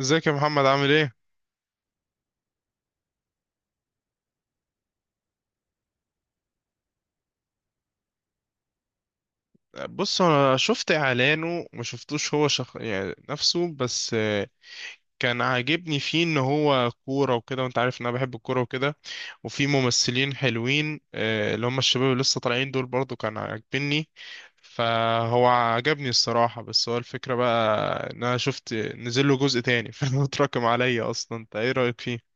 ازيك يا محمد، عامل ايه؟ بص، انا شفت اعلانه، ما شفتوش. هو يعني نفسه بس. كان عاجبني فيه ان هو كورة وكده، وانت عارف ان انا بحب الكورة وكده. وفي ممثلين حلوين، اللي هم الشباب اللي لسه طالعين دول برضو كان عاجبني. فهو عجبني الصراحة. بس هو الفكرة بقى ان انا شفت نزل له جزء تاني، فهو اتراكم عليا اصلا. انت ايه رأيك فيه؟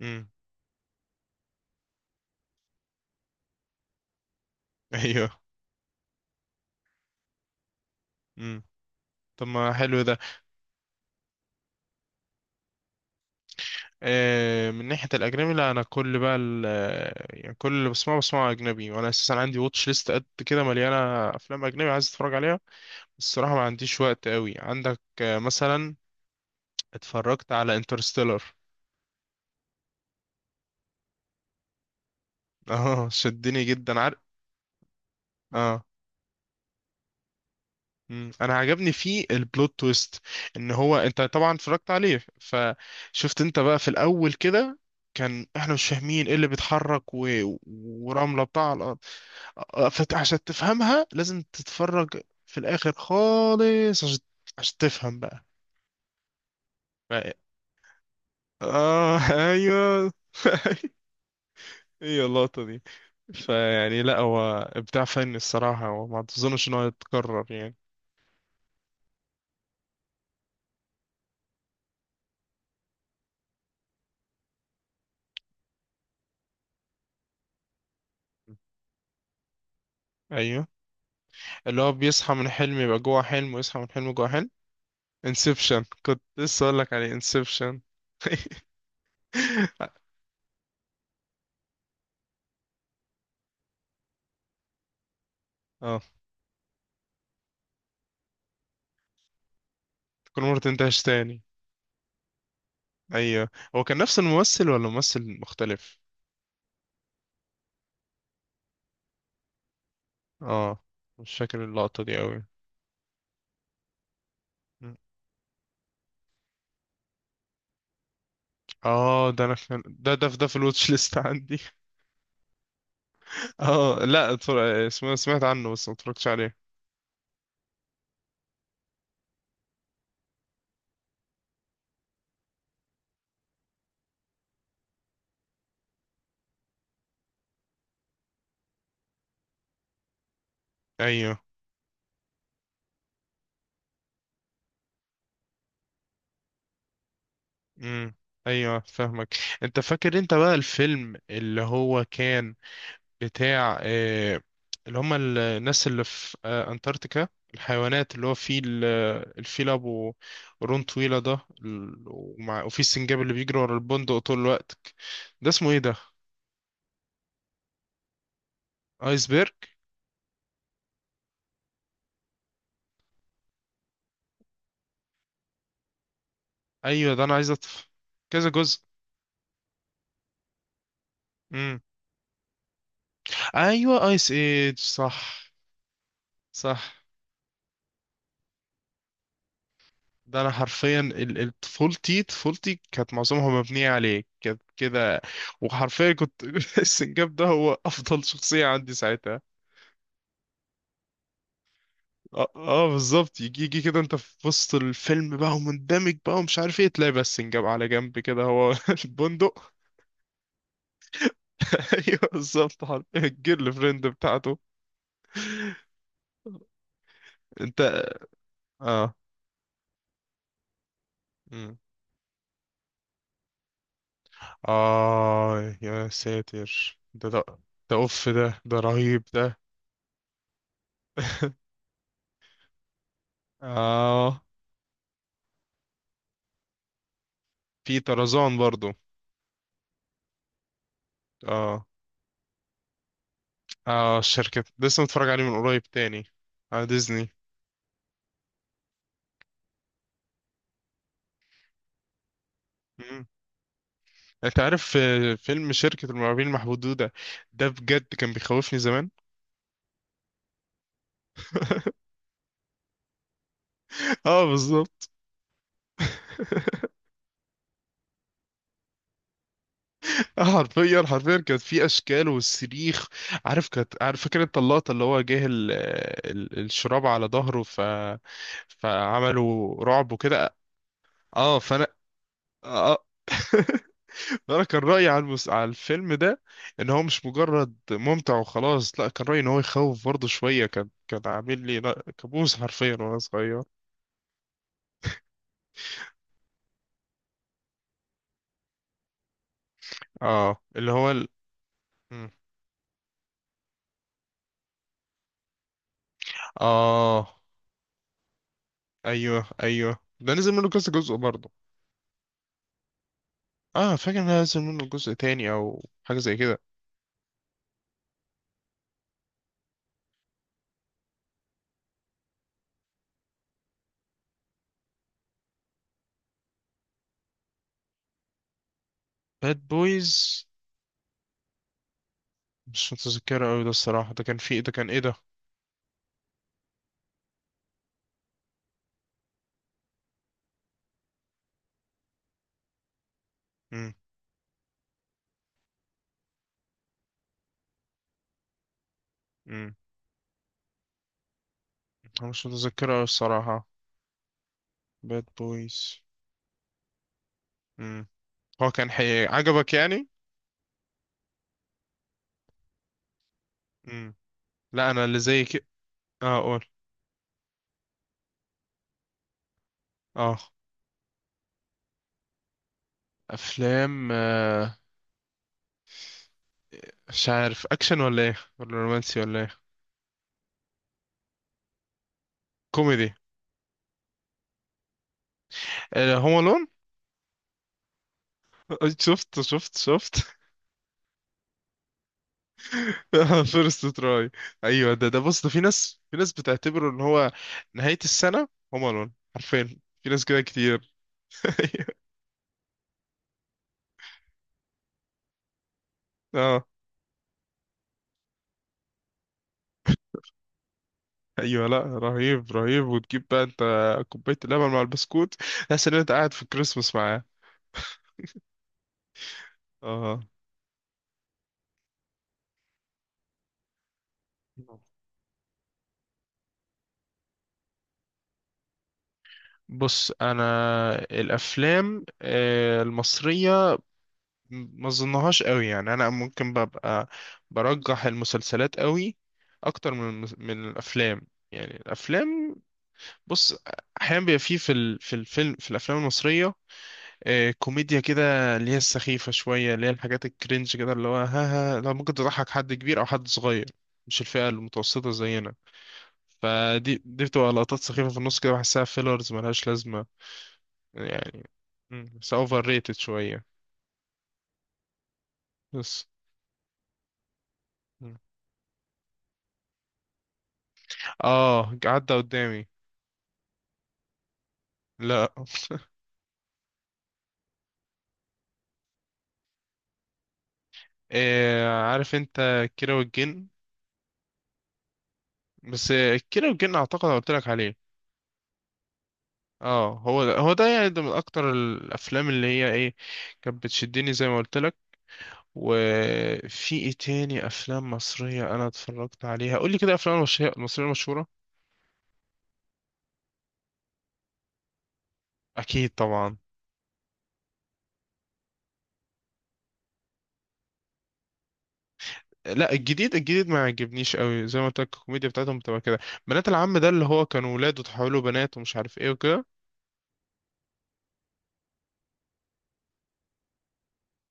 امم. ايوه. امم. طب، ما حلو ده. من ناحية الأجنبي، لا. أنا كل بقى يعني كل اللي بسمعه بسمعه أجنبي. وأنا أساسا عندي واتش ليست قد كده مليانة أفلام أجنبي عايز أتفرج عليها. الصراحة ما عنديش وقت قوي. عندك مثلا، اتفرجت على انترستيلر. اه، شدني جدا، عارف. اه. مم. انا عجبني فيه البلوت تويست، ان هو، انت طبعا اتفرجت عليه فشفت انت بقى في الاول كده، كان احنا مش فاهمين ايه اللي بيتحرك ورمله بتاع على الارض. عشان تفهمها لازم تتفرج في الاخر خالص، عشان تفهم بقى. بقى- اه، ايوه. ايوه، اللقطه دي. فيعني، لا، هو ابداع فني الصراحه، وما تظنش ان هو يتكرر يعني. ايوه، اللي هو بيصحى من حلم يبقى جوه حلم، ويصحى من حلم جوه حلم. انسبشن! كنت لسه اقول لك عليه انسبشن. اه، تكون مرة تنتهش تاني. ايوه. هو كان نفس الممثل ولا ممثل مختلف؟ اه، مش فاكر اللقطة دي قوي. اه، ده انا كان ده ده في ده الواتش ليست عندي. اه، لا، اسمه سمعت عنه، بس ما اتفرجتش عليه. ايوه. امم. ايوه، فاهمك. انت فاكر انت بقى الفيلم اللي هو كان بتاع، اللي هم الناس اللي في، أنتاركتيكا، الحيوانات اللي هو فيل آه، الفيل أبو قرون طويلة ده، وفي السنجاب اللي بيجري ورا البندق طول الوقت. ده اسمه ايه ده؟ ايسبرج! ايوه، ده انا عايز كذا جزء. امم. ايوه، ايس ايج، صح. صح. ده انا حرفيا، طفولتي كانت معظمها مبنيه عليه، كانت كده. وحرفيا كنت السنجاب ده هو افضل شخصيه عندي ساعتها. اه، آه، بالظبط. يجي يجي كده انت في وسط الفيلم بقى ومندمج بقى ومش عارف ايه تلاقي، بس جاب على جنب كده هو البندق. ايوه، بالظبط، حرفيا الجيرل فريند بتاعته. انت. اه. مم. اه يا ساتر، ده اوف، ده رهيب ده. اه، في طرزان برضو. اه. اه، الشركة لسه متفرج عليه من قريب تاني على ديزني. مم. انت عارف، فيلم شركة المرعبين المحدودة ده بجد كان بيخوفني زمان. اه، بالظبط. حرفيا حرفيا كانت في اشكال والصريخ، عارف. كانت عارف فاكر انت اللقطه اللي هو جه الشراب على ظهره، ف فعملوا رعب وكده. اه فانا. اه. انا كان رايي على على الفيلم ده ان هو مش مجرد ممتع وخلاص، لا. كان رايي ان هو يخوف برضه شويه. كان عامل لي، لا، كابوس حرفيا وانا صغير. اه، اللي هو م. اه، ايوه، ايوه، ده نزل منه كذا جزء برضه. اه، فاكر ان نزل منه جزء تاني او حاجه زي كده. باد بويز، مش متذكره قوي ده الصراحه. ده كان في، ده كان ايه ده؟ امم. امم. أنا مش متذكره قوي الصراحه. باد بويز. امم، هو كان عجبك يعني؟ امم. لا، انا اللي زي كده. اه، قول. اه، افلام، مش عارف، اكشن ولا ايه ولا رومانسي ولا ايه؟ كوميدي؟ هوم الون. شفت، شفت، شفت! فيرست تراي. ايوه، ده بص، ده في ناس بتعتبره ان هو نهاية السنة، هوم الون حرفيا، في ناس كده كتير. اه، ايوه، لا، رهيب رهيب. وتجيب بقى انت كوباية اللبن مع البسكوت، تحس ان انت قاعد في الكريسماس معاه. اه، بص انا الافلام، المصرية، ما اظنهاش قوي يعني. انا ممكن ببقى برجح المسلسلات قوي اكتر من الافلام. يعني الافلام، بص، احيانا بيبقى فيه في ال- في الفيلم في الافلام المصريه، كوميديا كده اللي هي السخيفه شويه، اللي هي الحاجات الكرنج كده اللي هو ها ها، لو ممكن تضحك حد كبير او حد صغير. مش الفئه المتوسطه زينا. فدي دي بتبقى لقطات سخيفه في النص كده، بحسها فيلرز ملهاش لازمه يعني. بس اوفر ريتد شويه، بس. مم. اه، عدى قدامي. لا. عارف انت كيرة والجن. بس كيرة والجن اعتقد أنا قلت لك عليه. اه، هو ده يعني، ده من اكتر الافلام اللي هي ايه، كانت بتشدني زي ما قلت لك. وفي ايه تاني افلام مصريه انا اتفرجت عليها؟ قول لي كده، افلام مصريه مصريه مشهوره. اكيد طبعا. لا، الجديد الجديد ما عجبنيش قوي، زي ما قلت لك الكوميديا بتاعتهم بتبقى كده. بنات العم ده اللي هو كانوا ولاد وتحولوا بنات ومش عارف ايه وكده.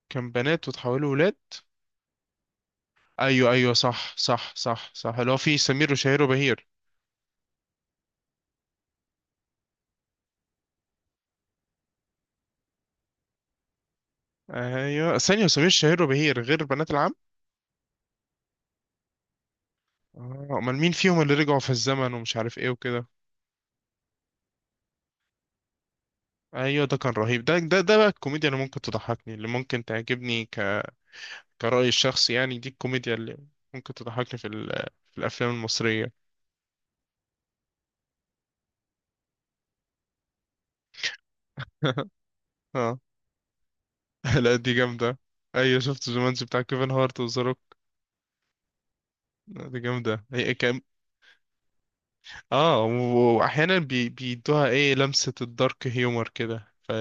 كان بنات وتحولوا ولاد. ايوه، ايوه، صح، صح، صح، صح. اللي هو في سمير وشهير وبهير. ايوه، ثانيه، سمير وشهير وبهير غير بنات العم؟ اه، امال مين فيهم اللي رجعوا في الزمن ومش عارف ايه وكده؟ ايوه، ده كان رهيب. ده بقى الكوميديا اللي ممكن تضحكني، اللي ممكن تعجبني كرأيي الشخصي يعني. دي الكوميديا اللي ممكن تضحكني في في الافلام المصرية. اه. لا، دي جامدة. ايوه، شفت جومانجي بتاع كيفن هارت وذا روك. دي جامدة. هي كام؟ اه، واحيانا بيدوها ايه لمسة الدارك هيومر كده،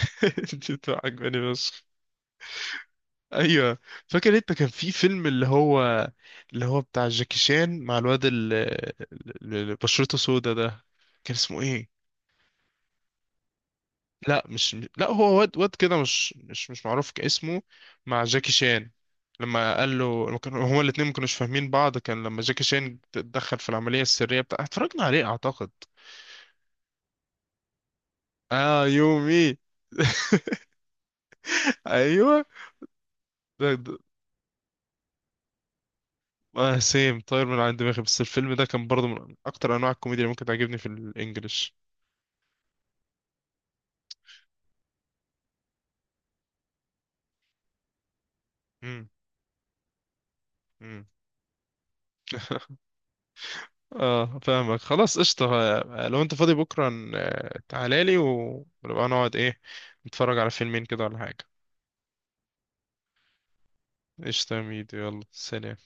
دي بتبقى عجباني بس. ايوه. فاكر انت كان في فيلم، اللي هو بتاع جاكي شان مع الواد اللي بشرته سودا ده، كان اسمه ايه؟ لا، مش، لا، هو واد واد كده، مش معروف كاسمه. مع جاكي شان، لما قال له، لما هما الاتنين ما كانوش فاهمين بعض، كان لما جاكي شان اتدخل في العملية السرية بتاع، اتفرجنا عليه اعتقد. اه، يومي. ايوه، ده ده- سيم طاير من عند دماغي، بس الفيلم ده كان برضه من اكتر انواع الكوميديا اللي ممكن تعجبني في الانجليش. مم. اه، فاهمك، خلاص قشطة. لو انت فاضي بكرة تعالى لي ونبقى نقعد ايه، نتفرج على فيلمين كده ولا حاجة. قشطة يا ميدو، يلا سلام.